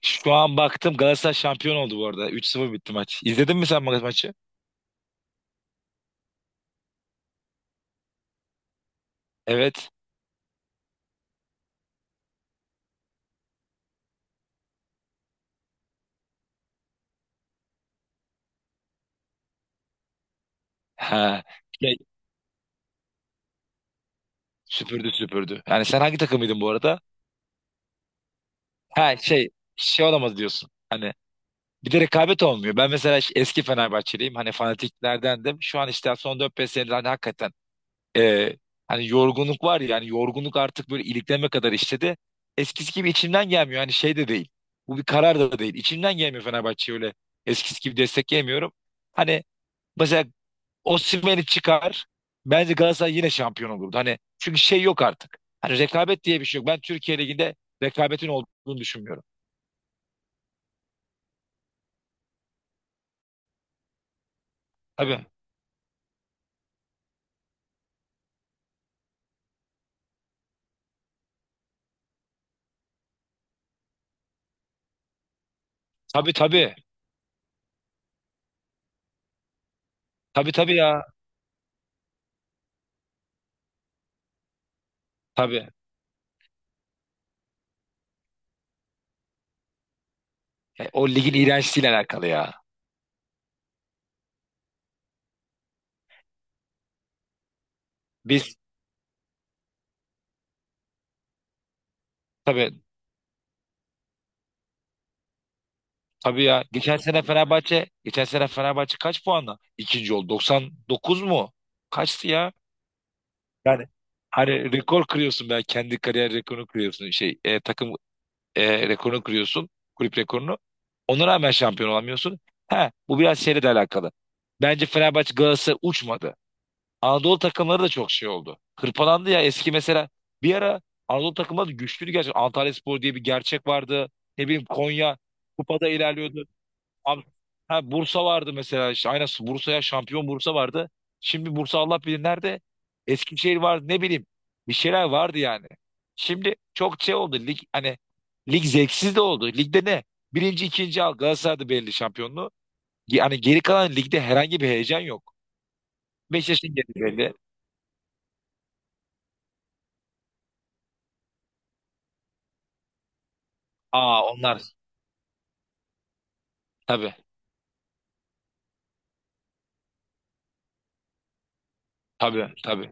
Şu an baktım Galatasaray şampiyon oldu bu arada. Üç 0 bitti maç. İzledin mi sen maçı? Evet. Ha. Şey, Süpürdü süpürdü. Yani sen hangi takımıydın bu arada? Ha, olamaz diyorsun. Hani bir de rekabet olmuyor. Ben mesela eski Fenerbahçeliyim. Hani fanatiklerdendim. Şu an işte son 4-5 senedir hani hakikaten, e, hani yorgunluk var ya yani yorgunluk artık böyle ilikleme kadar işledi. Eskisi gibi içimden gelmiyor. Hani şey de değil. Bu bir karar da değil. İçimden gelmiyor Fenerbahçe'ye öyle eskisi gibi destekleyemiyorum. Hani mesela Osimhen'i çıkar. Bence Galatasaray yine şampiyon olurdu. Hani çünkü şey yok artık. Hani rekabet diye bir şey yok. Ben Türkiye Ligi'nde rekabetin olduğunu düşünmüyorum. Tabii. Evet. Tabii tabii. Tabii tabii ya. Tabii. O ligin iğrençliğiyle alakalı ya. Biz tabii tabii ya. Geçen sene Fenerbahçe, geçen sene Fenerbahçe kaç puanla ikinci oldu? 99 mu? Kaçtı ya? Yani hani rekor kırıyorsun, ben kendi kariyer rekorunu kırıyorsun, takım rekorunu kırıyorsun. Kulüp rekorunu. Ona rağmen şampiyon olamıyorsun. Ha, bu biraz şeyle de alakalı. Bence Fenerbahçe Galatasaray uçmadı. Anadolu takımları da çok şey oldu. Hırpalandı ya eski mesela. Bir ara Anadolu takımları da güçlüydü gerçekten. Antalyaspor diye bir gerçek vardı. Ne bileyim Konya kupada ilerliyordu. Abi, ha Bursa vardı mesela işte, aynen, Bursa'ya şampiyon Bursa vardı. Şimdi Bursa Allah bilir nerede. Eskişehir vardı ne bileyim. Bir şeyler vardı yani. Şimdi çok şey oldu lig, hani lig zevksiz de oldu. Ligde ne? Birinci ikinci al, Galatasaray'da belli şampiyonluğu. Hani geri kalan ligde herhangi bir heyecan yok. Beşiktaş'ın geri belli. Aa onlar tabii tabii tabii.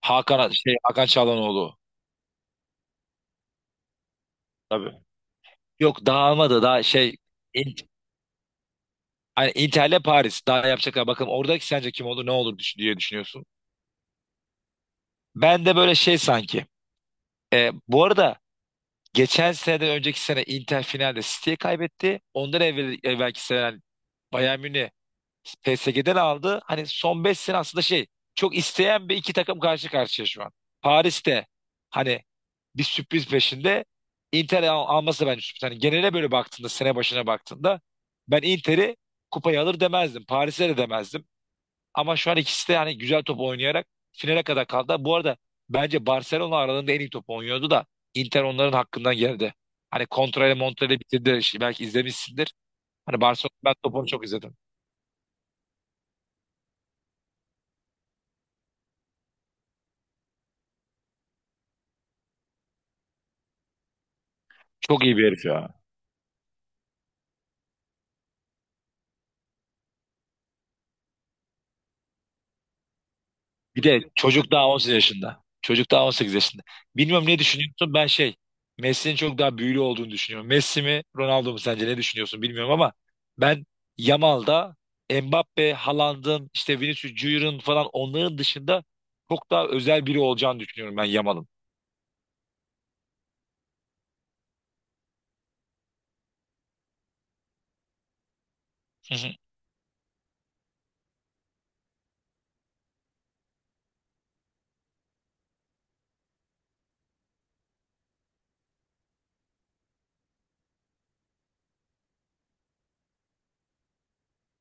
Hakan Çalhanoğlu tabii. Yok, dağılmadı daha. Hani Inter'le Paris daha yapacaklar. Bakın, oradaki sence kim olur ne olur diye düşünüyorsun. Ben de böyle şey sanki. Bu arada geçen seneden önceki sene Inter finalde City'ye kaybetti. Ondan evvel, evvelki sene yani Bayern Münih PSG'den aldı. Hani son 5 sene aslında şey, çok isteyen bir iki takım karşı karşıya şu an. Paris'te hani bir sürpriz peşinde, Inter alması da bence sürpriz. Hani genele böyle baktığında, sene başına baktığında ben Inter'i kupayı alır demezdim. Paris'e de demezdim. Ama şu an ikisi de yani güzel top oynayarak finale kadar kaldı. Bu arada bence Barcelona aralarında en iyi top oynuyordu da Inter onların hakkından geldi. Hani kontrayla montrayla bitirdi. Şimdi belki izlemişsindir. Hani Barcelona, ben topunu çok izledim. Çok iyi bir herif ya. Bir de çocuk daha 18 yaşında. Çocuk daha 18 yaşında. Bilmiyorum, ne düşünüyorsun? Ben şey, Messi'nin çok daha büyülü olduğunu düşünüyorum. Messi mi Ronaldo mu, sence ne düşünüyorsun bilmiyorum ama ben Yamal'da, Mbappe, Haaland'ın işte Vinicius Junior'ın falan, onların dışında çok daha özel biri olacağını düşünüyorum ben Yamal'ın. Hı hı.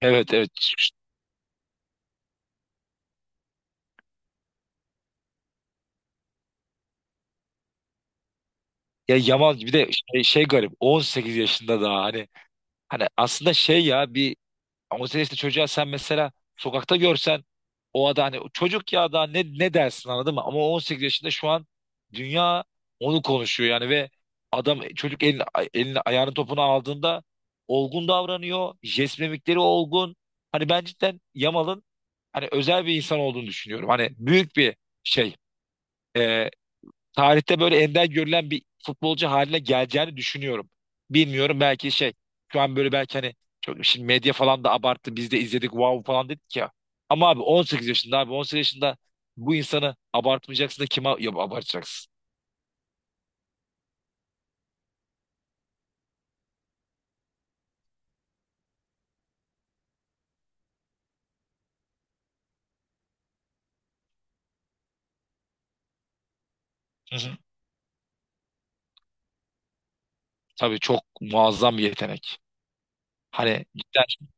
Evet evet. Ya Yamal bir de şey, garip. On sekiz yaşında daha hani, aslında şey ya bir. Ama o işte çocuğa, sen mesela sokakta görsen o adam, hani çocuk ya da ne dersin, anladın mı? Ama 18 yaşında şu an dünya onu konuşuyor yani. Ve adam çocuk elini, ayağını topuna aldığında olgun davranıyor. Jest mimikleri olgun. Hani ben cidden Yamal'ın hani özel bir insan olduğunu düşünüyorum. Hani büyük bir şey. Ee, Tarihte böyle ender görülen bir futbolcu haline geleceğini düşünüyorum. Bilmiyorum belki şey, şu an böyle belki hani, çok şimdi medya falan da abarttı, biz de izledik wow falan dedik ya. Ama abi 18 yaşında, abi 18 yaşında bu insanı abartmayacaksın da kime abartacaksın? Hı hı. Tabii çok muazzam bir yetenek. Hani cidden,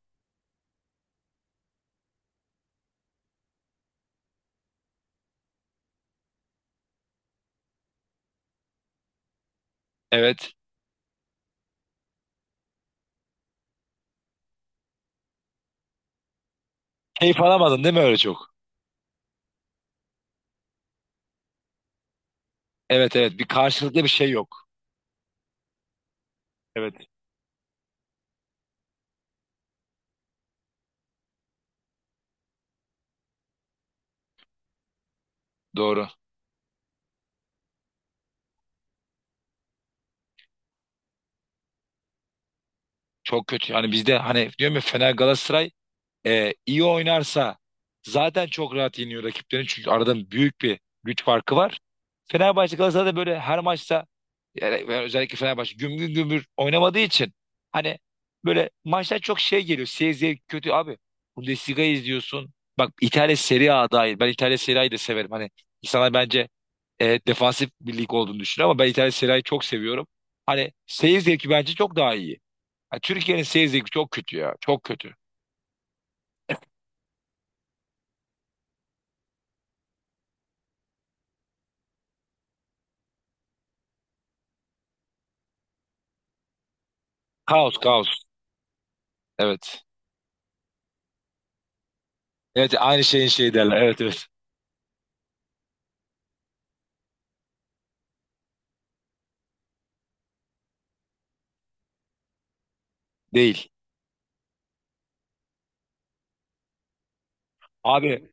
evet, keyif alamadın değil mi öyle çok? Evet evet, bir karşılıklı bir şey yok. Evet, doğru. Çok kötü. Hani bizde, hani diyorum ya, Fener Galatasaray iyi oynarsa zaten çok rahat yeniyor rakiplerini. Çünkü arada büyük bir güç farkı var. Fenerbahçe Galatasaray'da böyle her maçta, yani özellikle Fenerbahçe güm güm gümbür oynamadığı için hani böyle maçlar çok şey geliyor. Seyir zevki kötü abi. Bundesliga'yı izliyorsun. Bak, İtalya Serie A dahil. Ben İtalya Serie A'yı da severim. Hani insanlar bence defansif bir lig olduğunu düşünüyor ama ben İtalya Serie A'yı çok seviyorum. Hani seyir zevki bence çok daha iyi. Yani Türkiye'nin seyir zevki çok kötü ya. Çok kötü. Kaos kaos. Evet. Evet aynı şeyin şeyi derler. Evet evet. Değil. Abi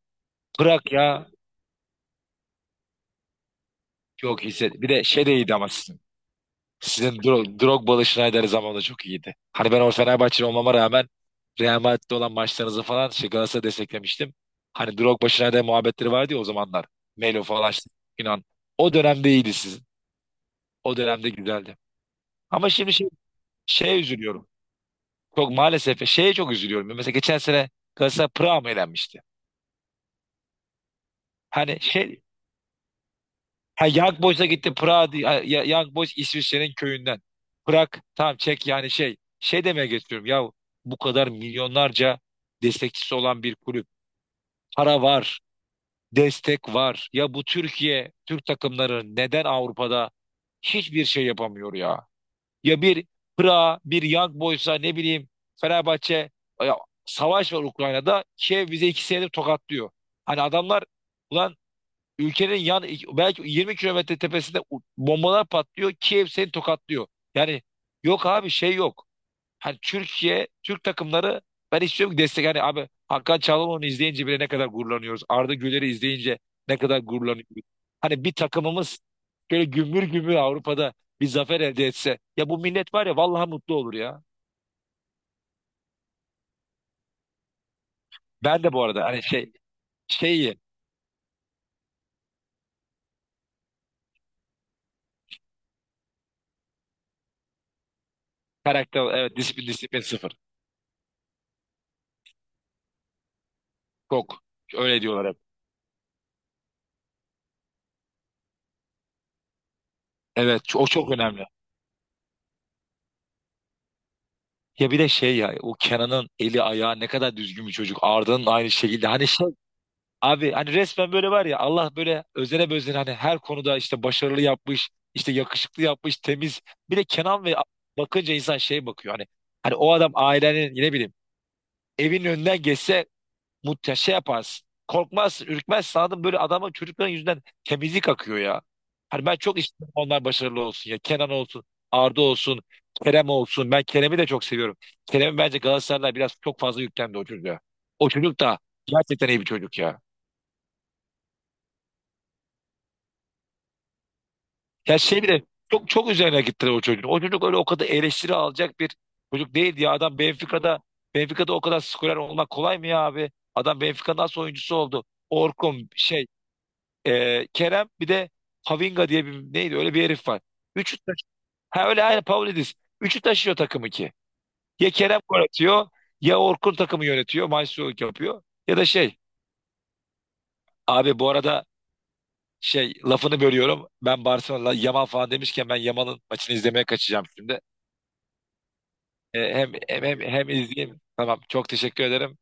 bırak ya. Çok hisset. Bir de şey de iyiydi ama sizin. Sizin Drogba'lı Schneider zamanında çok iyiydi. Hani ben o Fenerbahçeli olmama rağmen Real Madrid'de olan maçlarınızı falan şey Galatasaray'ı desteklemiştim. Hani Drogba Schneider muhabbetleri vardı ya o zamanlar. Melo falan işte, inan. O dönemde iyiydi sizin. O dönemde güzeldi. Ama şimdi şeye üzülüyorum. Çok maalesef şeye çok üzülüyorum. Mesela geçen sene Galatasaray Prag'a mı elenmişti? Hani şey. Ha, Young Boys'a gitti Prag, Young Boys İsviçre'nin köyünden. Prag tamam, çek yani, şey. Şey demeye getiriyorum ya, bu kadar milyonlarca destekçisi olan bir kulüp. Para var, destek var. Ya bu Türkiye, Türk takımları neden Avrupa'da hiçbir şey yapamıyor ya? Ya bir Prag, bir Young Boys'a, ne bileyim Fenerbahçe, ya, savaş var Ukrayna'da. Kiev bize 2 senedir tokatlıyor. Hani adamlar, ulan ülkenin yan belki 20 kilometre tepesinde bombalar patlıyor. Kiev seni tokatlıyor. Yani yok abi, şey yok. Hani Türkiye, Türk takımları, ben istiyorum ki destek. Hani abi, Hakan Çalhanoğlu'nu izleyince bile ne kadar gururlanıyoruz. Arda Güler'i izleyince ne kadar gururlanıyoruz. Hani bir takımımız böyle gümbür gümbür Avrupa'da bir zafer elde etse. Ya bu millet var ya, vallahi mutlu olur ya. Ben de bu arada hani şey şeyi karakter, evet, disiplin disiplin sıfır. Çok öyle diyorlar hep. Evet, o çok önemli. Ya bir de şey ya, o Kenan'ın eli ayağı ne kadar düzgün bir çocuk. Arda'nın aynı şekilde. Hani şey abi, hani resmen böyle var ya, Allah böyle özene bezene hani her konuda işte başarılı yapmış, işte yakışıklı yapmış, temiz. Bir de Kenan ve bakınca insan şey bakıyor, hani o adam ailenin, ne bileyim, evin önünden geçse Muhte şey yaparsın. Korkmazsın, ürkmezsin. Anladın mı? Böyle adamın, çocukların yüzünden temizlik akıyor ya. Hani ben çok istiyorum onlar başarılı olsun ya. Kenan olsun, Arda olsun, Kerem olsun. Ben Kerem'i de çok seviyorum. Kerem'i bence Galatasaraylar biraz çok fazla yüklendi o çocuğa. O çocuk da gerçekten iyi bir çocuk ya. Ya şey bile, çok çok üzerine gittiler o çocuğun. O çocuk öyle o kadar eleştiri alacak bir çocuk değildi ya. Adam Benfica'da, o kadar skorer olmak kolay mı ya abi? Adam Benfica'nın nasıl oyuncusu oldu? Orkun şey, Kerem bir de Havinga diye bir, neydi öyle bir herif var. Üçü taş- ha, öyle, aynı, Pavlidis. Üçü taşıyor takımı ki. Ya Kerem gol atıyor, ya Orkun takımı yönetiyor. Maestro yapıyor. Ya da şey abi, bu arada şey, lafını bölüyorum. Ben Barcelona Yaman falan demişken ben Yaman'ın maçını izlemeye kaçacağım şimdi. Hem, hem, hem, hem izleyeyim. Tamam, çok teşekkür ederim.